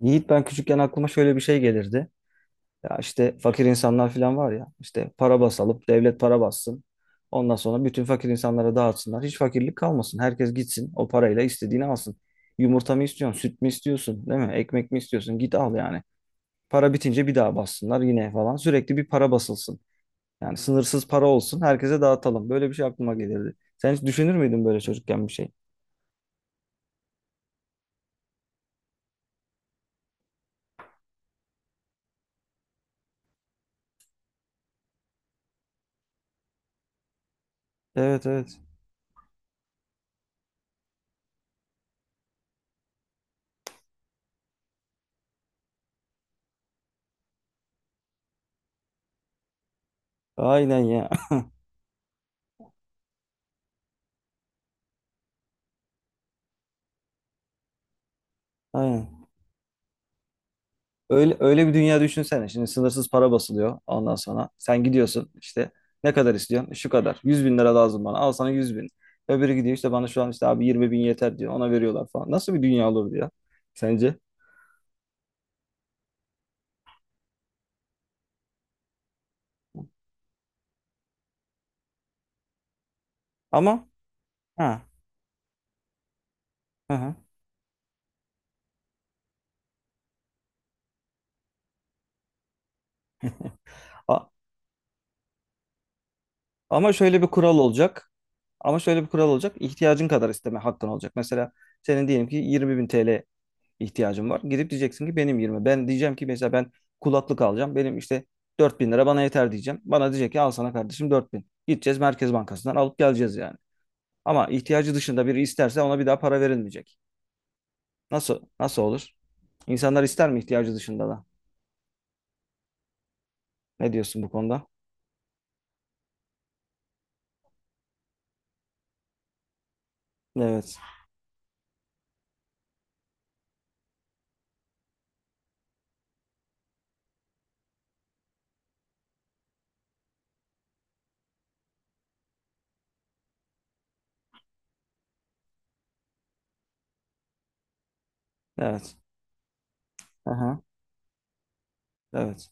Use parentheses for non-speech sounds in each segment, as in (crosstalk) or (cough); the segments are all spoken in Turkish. Yiğit ben küçükken aklıma şöyle bir şey gelirdi. Ya işte fakir insanlar falan var ya işte para basalım, devlet para bassın. Ondan sonra bütün fakir insanlara dağıtsınlar. Hiç fakirlik kalmasın. Herkes gitsin o parayla istediğini alsın. Yumurta mı istiyorsun? Süt mü istiyorsun? Değil mi? Ekmek mi istiyorsun? Git al yani. Para bitince bir daha bassınlar yine falan. Sürekli bir para basılsın. Yani sınırsız para olsun. Herkese dağıtalım. Böyle bir şey aklıma gelirdi. Sen hiç düşünür müydün böyle çocukken bir şey? Evet, evet. Aynen ya. (laughs) Aynen. Öyle, öyle bir dünya düşünsene. Şimdi sınırsız para basılıyor ondan sonra. Sen gidiyorsun işte, ne kadar istiyorsun? Şu kadar. 100 bin lira lazım bana. Al sana 100 bin. Öbürü gidiyor işte, bana şu an işte abi 20 bin yeter diyor. Ona veriyorlar falan. Nasıl bir dünya olur diyor sence? Ama ha, hı hı. A- Ama şöyle bir kural olacak. Ama şöyle bir kural olacak. İhtiyacın kadar isteme hakkın olacak. Mesela senin diyelim ki 20 bin TL ihtiyacım var. Gidip diyeceksin ki benim 20. Ben diyeceğim ki mesela ben kulaklık alacağım. Benim işte 4000 lira bana yeter diyeceğim. Bana diyecek ki al sana kardeşim 4000. Gideceğiz Merkez Bankası'ndan alıp geleceğiz yani. Ama ihtiyacı dışında biri isterse ona bir daha para verilmeyecek. Nasıl olur? İnsanlar ister mi ihtiyacı dışında da? Ne diyorsun bu konuda? Evet. Evet. Aha. Evet.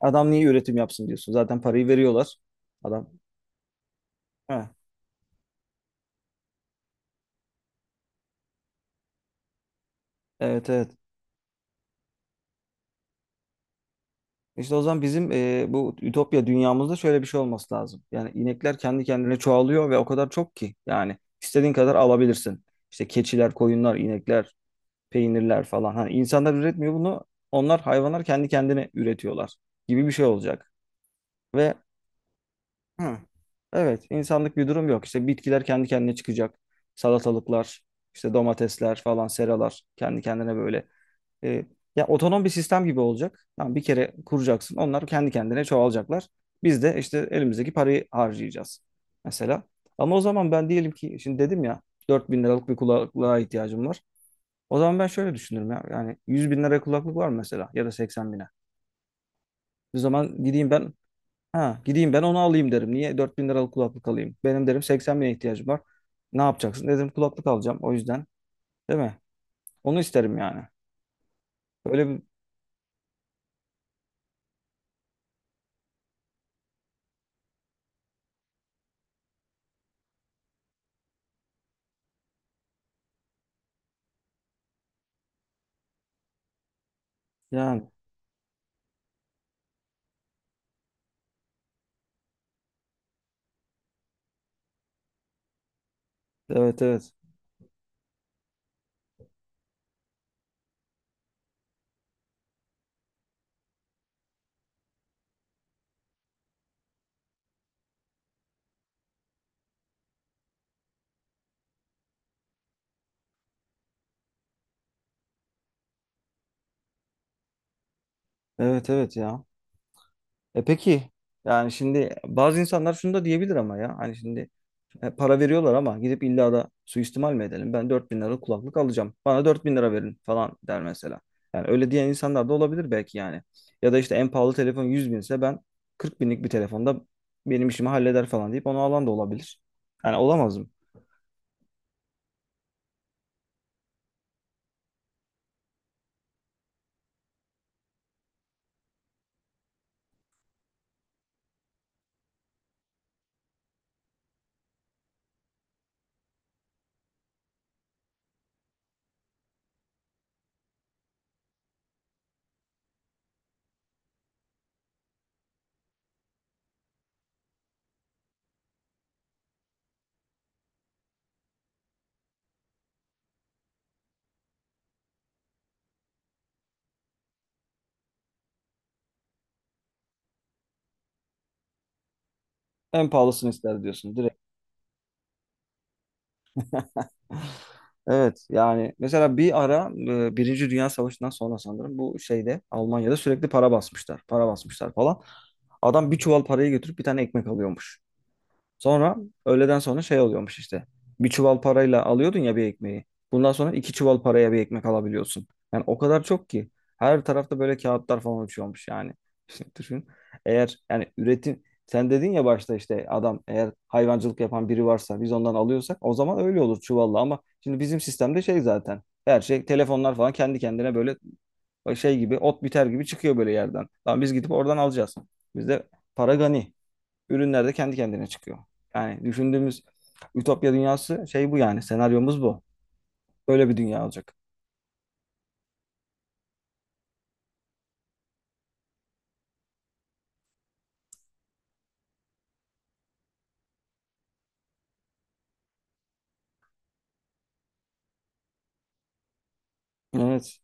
Adam niye üretim yapsın diyorsun. Zaten parayı veriyorlar. Adam. Heh. Evet, evet. İşte o zaman bizim bu ütopya dünyamızda şöyle bir şey olması lazım. Yani inekler kendi kendine çoğalıyor ve o kadar çok ki, yani istediğin kadar alabilirsin. İşte keçiler, koyunlar, inekler, peynirler falan. Hani insanlar üretmiyor bunu. Onlar, hayvanlar kendi kendine üretiyorlar gibi bir şey olacak. Ve hı, evet, insanlık bir durum yok. İşte bitkiler kendi kendine çıkacak. Salatalıklar, işte domatesler falan, seralar kendi kendine böyle, e, ya otonom bir sistem gibi olacak. Tamam, bir kere kuracaksın. Onlar kendi kendine çoğalacaklar. Biz de işte elimizdeki parayı harcayacağız. Mesela. Ama o zaman ben diyelim ki, şimdi dedim ya, 4000 liralık bir kulaklığa ihtiyacım var. O zaman ben şöyle düşünürüm ya. Yani 100 bin liraya kulaklık var mı mesela, ya da 80 bine. O zaman gideyim ben onu alayım derim. Niye 4000 liralık kulaklık alayım? Benim derim 80 bine ihtiyacım var. Ne yapacaksın? Dedim kulaklık alacağım o yüzden. Değil mi? Onu isterim yani. Böyle bir yani, evet, evet. Evet evet ya. E peki, yani şimdi bazı insanlar şunu da diyebilir ama, ya hani şimdi para veriyorlar ama gidip illa da suistimal mi edelim? Ben 4000 lira kulaklık alacağım. Bana 4000 lira verin falan der mesela. Yani öyle diyen insanlar da olabilir belki yani. Ya da işte en pahalı telefon 100 binse, ben 40 binlik bir telefonda benim işimi halleder falan deyip onu alan da olabilir. Yani olamaz mı? En pahalısını ister diyorsun direkt. (laughs) Evet yani, mesela bir ara Birinci Dünya Savaşı'ndan sonra sanırım, bu şeyde, Almanya'da sürekli para basmışlar. Para basmışlar falan. Adam bir çuval parayı götürüp bir tane ekmek alıyormuş. Sonra öğleden sonra şey oluyormuş işte. Bir çuval parayla alıyordun ya bir ekmeği. Bundan sonra iki çuval paraya bir ekmek alabiliyorsun. Yani o kadar çok ki. Her tarafta böyle kağıtlar falan uçuyormuş yani. Şimdi düşün. Eğer yani üretim, sen dedin ya başta, işte adam eğer hayvancılık yapan biri varsa, biz ondan alıyorsak, o zaman öyle olur çuvalla, ama şimdi bizim sistemde şey, zaten her şey, telefonlar falan kendi kendine böyle şey gibi, ot biter gibi çıkıyor böyle yerden. Tamam, biz gidip oradan alacağız. Bizde para gani. Ürünler de kendi kendine çıkıyor. Yani düşündüğümüz ütopya dünyası şey bu yani. Senaryomuz bu. Böyle bir dünya olacak. Evet.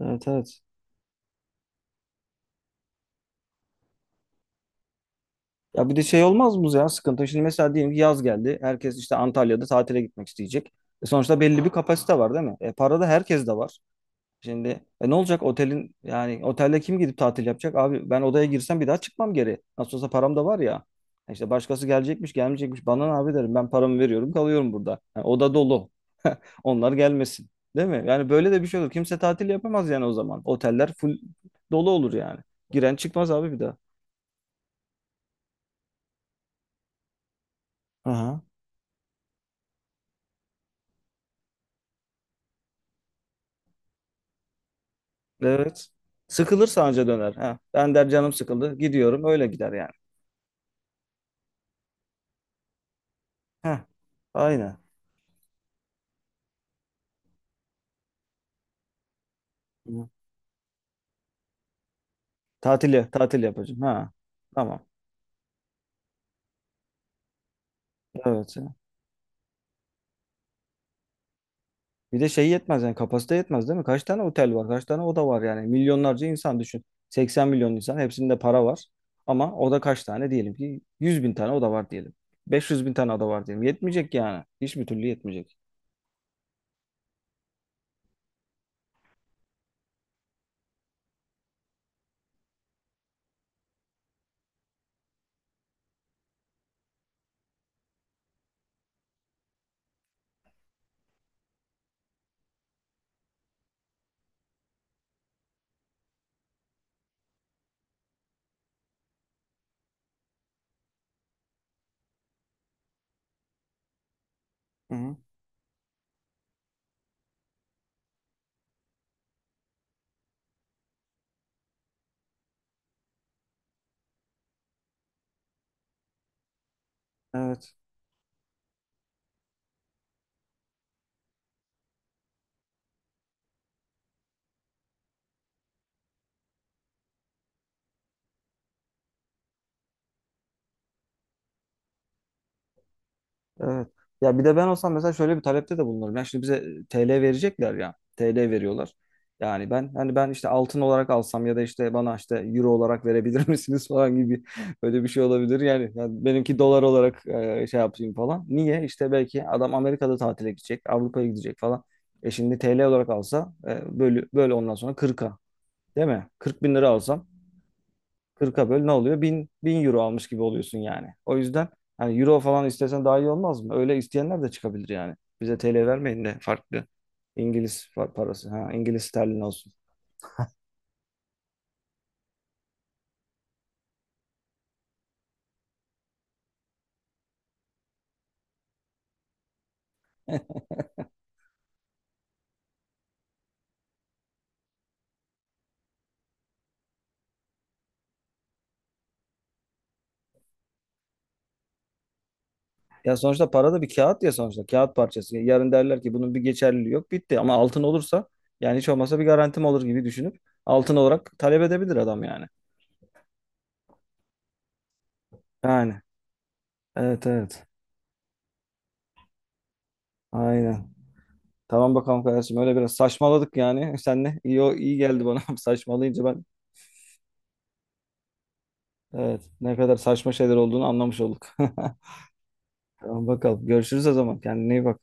Evet, evet. Ya bir de şey olmaz mı ya, sıkıntı? Şimdi mesela diyelim ki yaz geldi. Herkes işte Antalya'da tatile gitmek isteyecek. E sonuçta belli bir kapasite var değil mi? E para da herkes de var. Şimdi ne olacak otelin, yani otelde kim gidip tatil yapacak? Abi ben odaya girsem bir daha çıkmam geri. Nasıl olsa param da var ya. E İşte başkası gelecekmiş, gelmeyecekmiş. Bana ne abi, derim ben paramı veriyorum kalıyorum burada. Yani oda dolu. (laughs) Onlar gelmesin. Değil mi? Yani böyle de bir şey olur. Kimse tatil yapamaz yani o zaman. Oteller full dolu olur yani. Giren çıkmaz abi bir daha. Aha. Evet. Sıkılır sadece döner. Ha. Ben der canım sıkıldı. Gidiyorum öyle gider yani. Ha. Aynen. Hı. Tatil, tatil yapacağım. Ha. Tamam. Evet. Bir de şey yetmez yani, kapasite yetmez değil mi? Kaç tane otel var? Kaç tane oda var yani? Milyonlarca insan düşün. 80 milyon insan, hepsinde para var. Ama oda kaç tane, diyelim ki 100 bin tane oda var diyelim. 500 bin tane oda var diyelim. Yetmeyecek yani. Hiçbir türlü yetmeyecek. Hı hı. Evet. Evet. Ya bir de ben olsam mesela şöyle bir talepte de bulunurum. Yani şimdi bize TL verecekler ya. TL veriyorlar. Yani ben hani, ben işte altın olarak alsam, ya da işte bana işte euro olarak verebilir misiniz (laughs) falan gibi böyle bir şey olabilir. Yani, benimki dolar olarak şey yapayım falan. Niye? İşte belki adam Amerika'da tatile gidecek, Avrupa'ya gidecek falan. E şimdi TL olarak alsa böyle, ondan sonra 40'a, değil mi? 40 bin lira alsam, 40'a böl ne oluyor? 1000, 1000 euro almış gibi oluyorsun yani. O yüzden hani euro falan istesen daha iyi olmaz mı? Öyle isteyenler de çıkabilir yani. Bize TL vermeyin de farklı İngiliz parası. Ha, İngiliz sterlin olsun. (laughs) Ya sonuçta para da bir kağıt ya sonuçta. Kağıt parçası. Yarın derler ki bunun bir geçerliliği yok, bitti. Ama altın olursa, yani hiç olmazsa bir garantim olur gibi düşünüp altın olarak talep edebilir adam yani. Yani. Evet, evet. Aynen. Tamam bakalım kardeşim, öyle biraz saçmaladık yani. (laughs) Senle iyi geldi bana (laughs) saçmalayınca ben. Evet, ne kadar saçma şeyler olduğunu anlamış olduk. (laughs) Tamam bakalım. Görüşürüz o zaman. Kendine iyi bak.